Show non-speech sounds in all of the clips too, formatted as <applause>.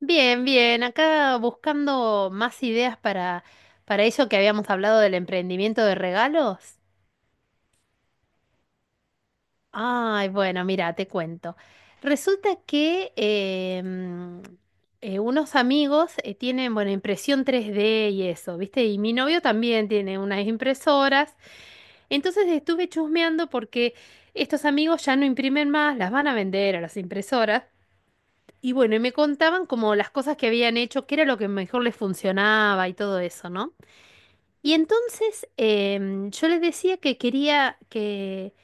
Bien, bien, acá buscando más ideas para eso que habíamos hablado del emprendimiento de regalos. Ay, bueno, mira, te cuento. Resulta que unos amigos tienen, bueno, impresión 3D y eso, ¿viste? Y mi novio también tiene unas impresoras. Entonces estuve chusmeando porque estos amigos ya no imprimen más, las van a vender a las impresoras. Y bueno, y me contaban como las cosas que habían hecho, qué era lo que mejor les funcionaba y todo eso, ¿no? Y entonces yo les decía que quería que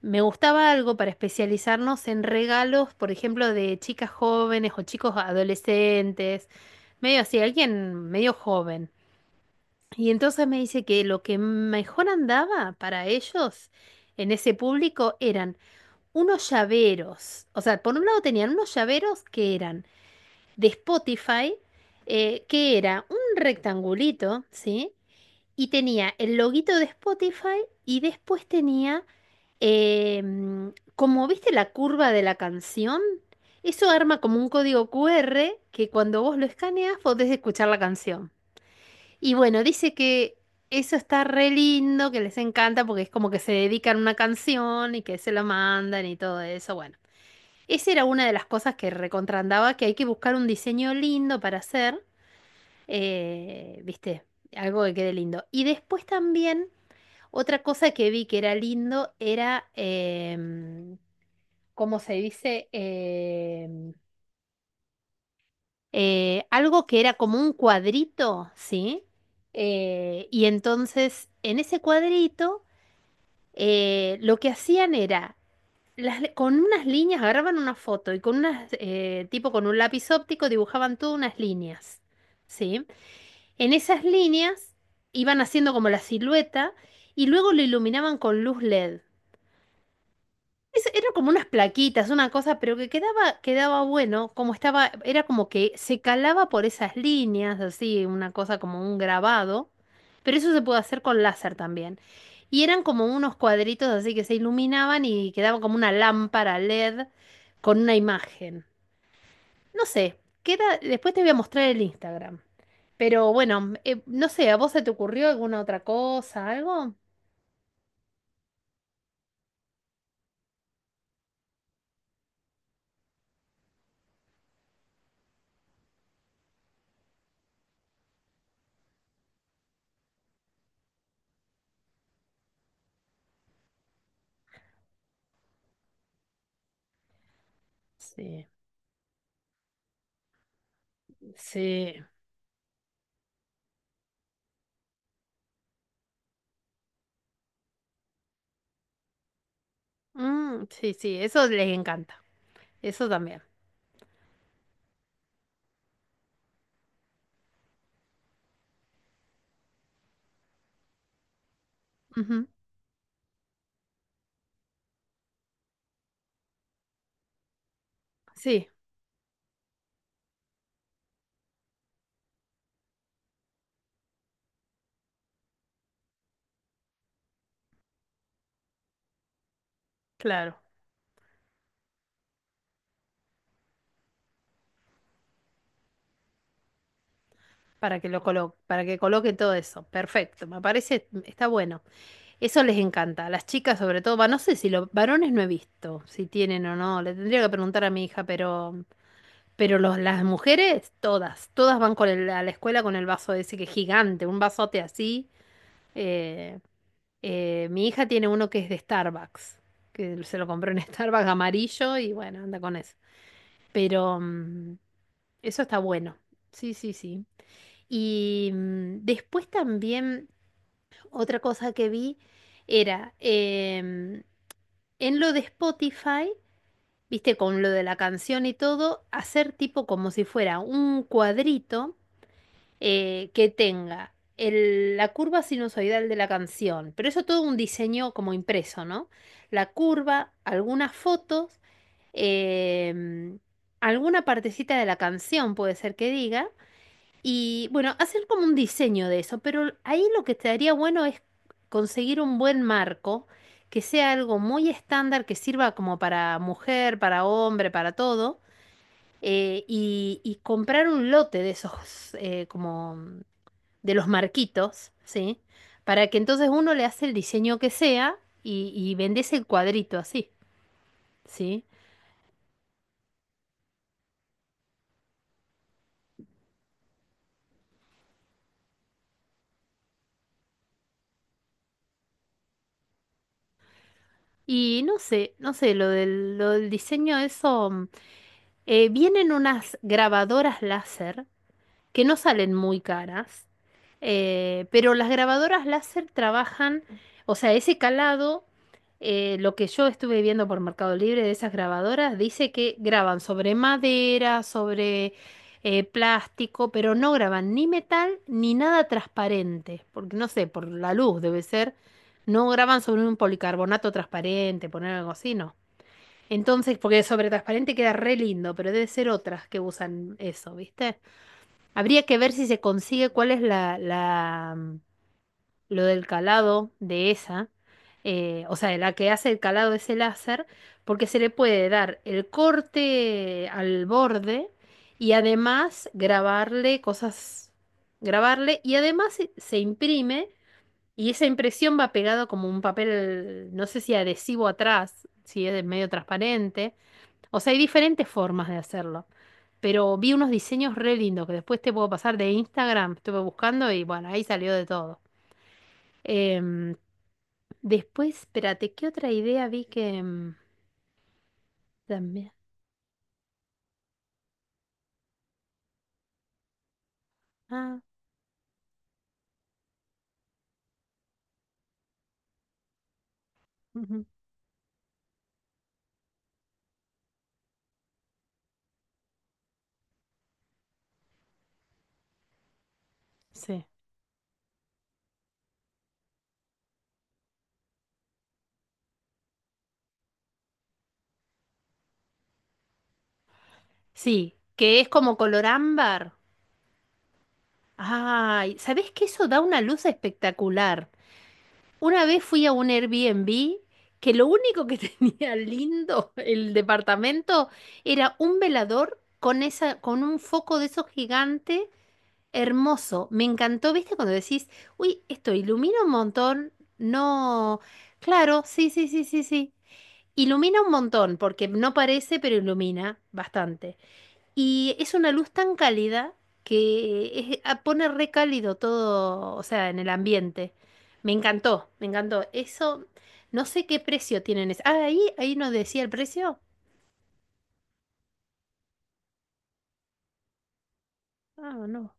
me gustaba algo para especializarnos en regalos, por ejemplo, de chicas jóvenes o chicos adolescentes, medio así, alguien medio joven. Y entonces me dice que lo que mejor andaba para ellos en ese público eran unos llaveros. O sea, por un lado tenían unos llaveros que eran de Spotify, que era un rectangulito, ¿sí? Y tenía el loguito de Spotify y después tenía, eh, mm, como viste la curva de la canción, eso arma como un código QR que cuando vos lo escaneas podés escuchar la canción. Y bueno, dice que eso está re lindo, que les encanta porque es como que se dedican a una canción y que se la mandan y todo eso. Bueno. Esa era una de las cosas que recontrandaba, que hay que buscar un diseño lindo para hacer, viste, algo que quede lindo. Y después también, otra cosa que vi que era lindo era, ¿cómo se dice? Algo que era como un cuadrito, ¿sí? Y entonces, en ese cuadrito, lo que hacían era con unas líneas agarraban una foto y con unas, tipo con un lápiz óptico dibujaban todas unas líneas, ¿sí? En esas líneas iban haciendo como la silueta y luego lo iluminaban con luz LED. Eran como unas plaquitas, una cosa, pero que quedaba bueno, como estaba, era como que se calaba por esas líneas, así, una cosa como un grabado, pero eso se puede hacer con láser también. Y eran como unos cuadritos así que se iluminaban y quedaba como una lámpara LED con una imagen. No sé, queda, después te voy a mostrar el Instagram. Pero bueno, no sé, ¿a vos se te ocurrió alguna otra cosa, algo? Sí, sí. Mm, sí, sí, eso les encanta. Eso también. Ujú. Sí, claro. Para que lo coloque, para que coloque todo eso. Perfecto. Me parece, está bueno. Eso les encanta. A las chicas sobre todo. Va, no sé si los varones no he visto, si tienen o no. Le tendría que preguntar a mi hija, pero, pero los, las mujeres, todas, todas van con a la escuela con el vaso ese que es gigante, un vasote así. Eh, Mi hija tiene uno que es de Starbucks, que se lo compró en <laughs> Starbucks amarillo y bueno, anda con eso. Pero, eso está bueno. Sí, sí, sí. Y después también otra cosa que vi era en lo de Spotify, viste, con lo de la canción y todo, hacer tipo como si fuera un cuadrito que tenga la curva sinusoidal de la canción, pero eso todo un diseño como impreso, ¿no? La curva, algunas fotos, em, alguna partecita de la canción puede ser que diga. Y bueno, hacer como un diseño de eso, pero ahí lo que estaría bueno es conseguir un buen marco, que sea algo muy estándar, que sirva como para mujer, para hombre, para todo, y comprar un lote de esos, como de los marquitos, ¿sí? Para que entonces uno le hace el diseño que sea y vendes el cuadrito así, ¿sí? Y no sé, no sé, lo del diseño, eso, vienen unas grabadoras láser que no salen muy caras, pero las grabadoras láser trabajan, o sea, ese calado, lo que yo estuve viendo por Mercado Libre de esas grabadoras, dice que graban sobre madera, sobre plástico, pero no graban ni metal ni nada transparente, porque no sé, por la luz debe ser, no graban sobre un policarbonato transparente, poner algo así, no. Entonces, porque sobre transparente queda re lindo, pero debe ser otras que usan eso, ¿viste? Habría que ver si se consigue cuál es la lo del calado de esa, o sea, de la que hace el calado ese láser, porque se le puede dar el corte al borde y además grabarle cosas, grabarle y además se imprime y esa impresión va pegada como un papel, no sé si adhesivo atrás, si es medio transparente, o sea, hay diferentes formas de hacerlo. Pero vi unos diseños re lindos que después te puedo pasar de Instagram. Estuve buscando y bueno, ahí salió de todo. Em, Después, espérate, ¿qué otra idea vi que también? Ah, ujú, sí. Sí, que es como color ámbar. Ay, ¿sabés que eso da una luz espectacular? Una vez fui a un Airbnb que lo único que <laughs> tenía lindo el departamento era un velador con esa, con un foco de esos gigantes. Hermoso, me encantó, ¿viste? Cuando decís, uy, esto ilumina un montón, no, claro, sí, sí, sí, sí, sí. Ilumina un montón, porque no parece, pero ilumina bastante. Y es una luz tan cálida que pone re cálido todo, o sea, en el ambiente. Me encantó, me encantó. Eso, no sé qué precio tienen. Ah, ahí nos decía el precio. Ah, no.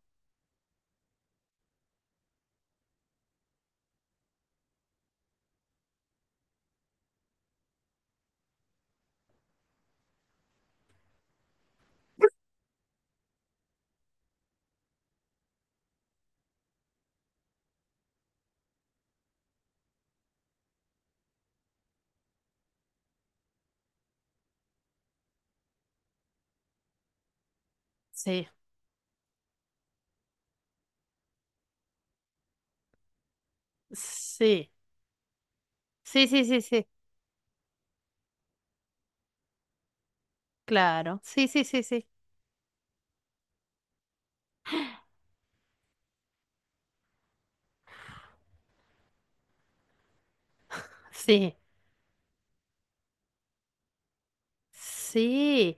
Sí, sí, sí, sí, sí, sí, claro, sí, sí, sí, sí. Sí. Sí.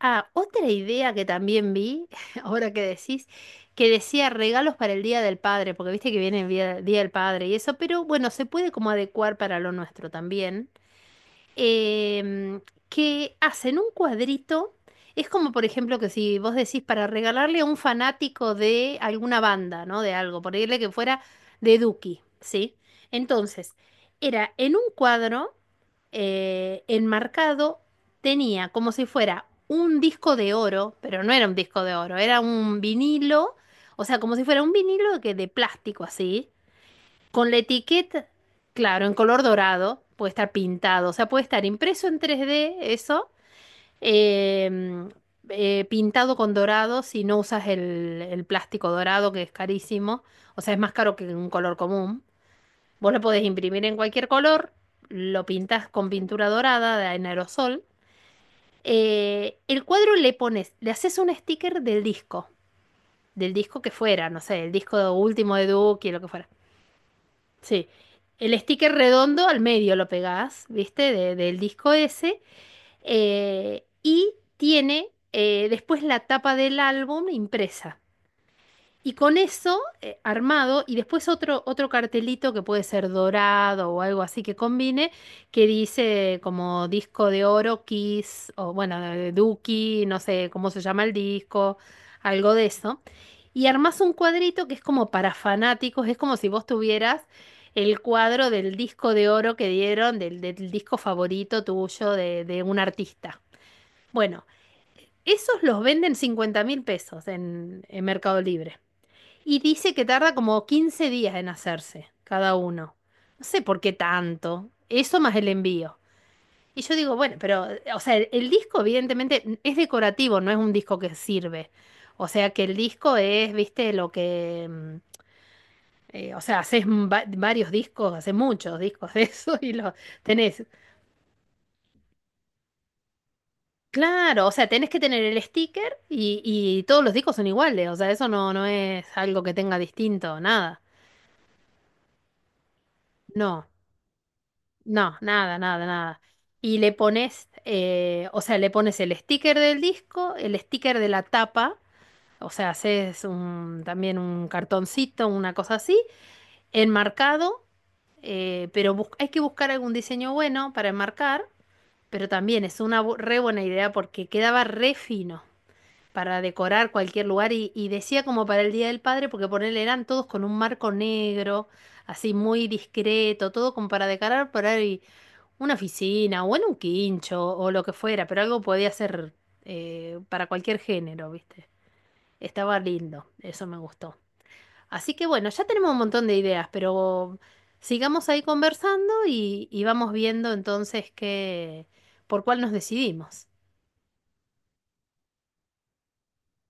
Ah, otra idea que también vi, <laughs> ahora que decís, que decía regalos para el Día del Padre, porque viste que viene el Día del Padre y eso, pero bueno, se puede como adecuar para lo nuestro también em, que hacen un cuadrito. Es como, por ejemplo, que si vos decís para regalarle a un fanático de alguna banda, ¿no? De algo, ponerle que fuera de Duki, ¿sí? Entonces, era en un cuadro enmarcado, tenía como si fuera un disco de oro, pero no era un disco de oro, era un vinilo, o sea, como si fuera un vinilo que de plástico así con la etiqueta, claro, en color dorado, puede estar pintado, o sea, puede estar impreso en 3D eso, em, pintado con dorado si no usas el plástico dorado, que es carísimo, o sea, es más caro que un color común. Vos lo podés imprimir en cualquier color, lo pintas con pintura dorada en aerosol. El cuadro le pones, le haces un sticker del disco que fuera, no sé, el disco último de Duki, lo que fuera. Sí. El sticker redondo al medio lo pegás, ¿viste? Del disco ese. Y tiene después la tapa del álbum impresa. Y con eso armado, y después otro cartelito que puede ser dorado o algo así que combine, que dice como disco de oro, Kiss, o bueno, de Duki, no sé cómo se llama el disco, algo de eso. Y armás un cuadrito que es como para fanáticos, es como si vos tuvieras el cuadro del disco de oro que dieron, del disco favorito tuyo de un artista. Bueno, esos los venden 50.000 pesos en Mercado Libre. Y dice que tarda como 15 días en hacerse cada uno. No sé por qué tanto. Eso más el envío. Y yo digo, bueno, pero, o sea, el disco evidentemente es decorativo, no es un disco que sirve. O sea, que el disco es, viste, lo que... o sea, haces varios discos, haces muchos discos de eso y los tenés. Claro, o sea, tenés que tener el sticker y todos los discos son iguales. O sea, eso no, no es algo que tenga distinto, nada. No. No, nada, nada, nada. Y le pones, o sea, le pones el sticker del disco, el sticker de la tapa, o sea, haces un, también un cartoncito, una cosa así, enmarcado, pero hay que buscar algún diseño bueno para enmarcar, pero también es una re buena idea porque quedaba re fino para decorar cualquier lugar y decía como para el Día del Padre, porque ponerle eran todos con un marco negro, así muy discreto, todo como para decorar por ahí una oficina o en un quincho o lo que fuera, pero algo podía ser para cualquier género, ¿viste? Estaba lindo, eso me gustó. Así que bueno, ya tenemos un montón de ideas, pero sigamos ahí conversando y vamos viendo entonces qué, por cuál nos decidimos.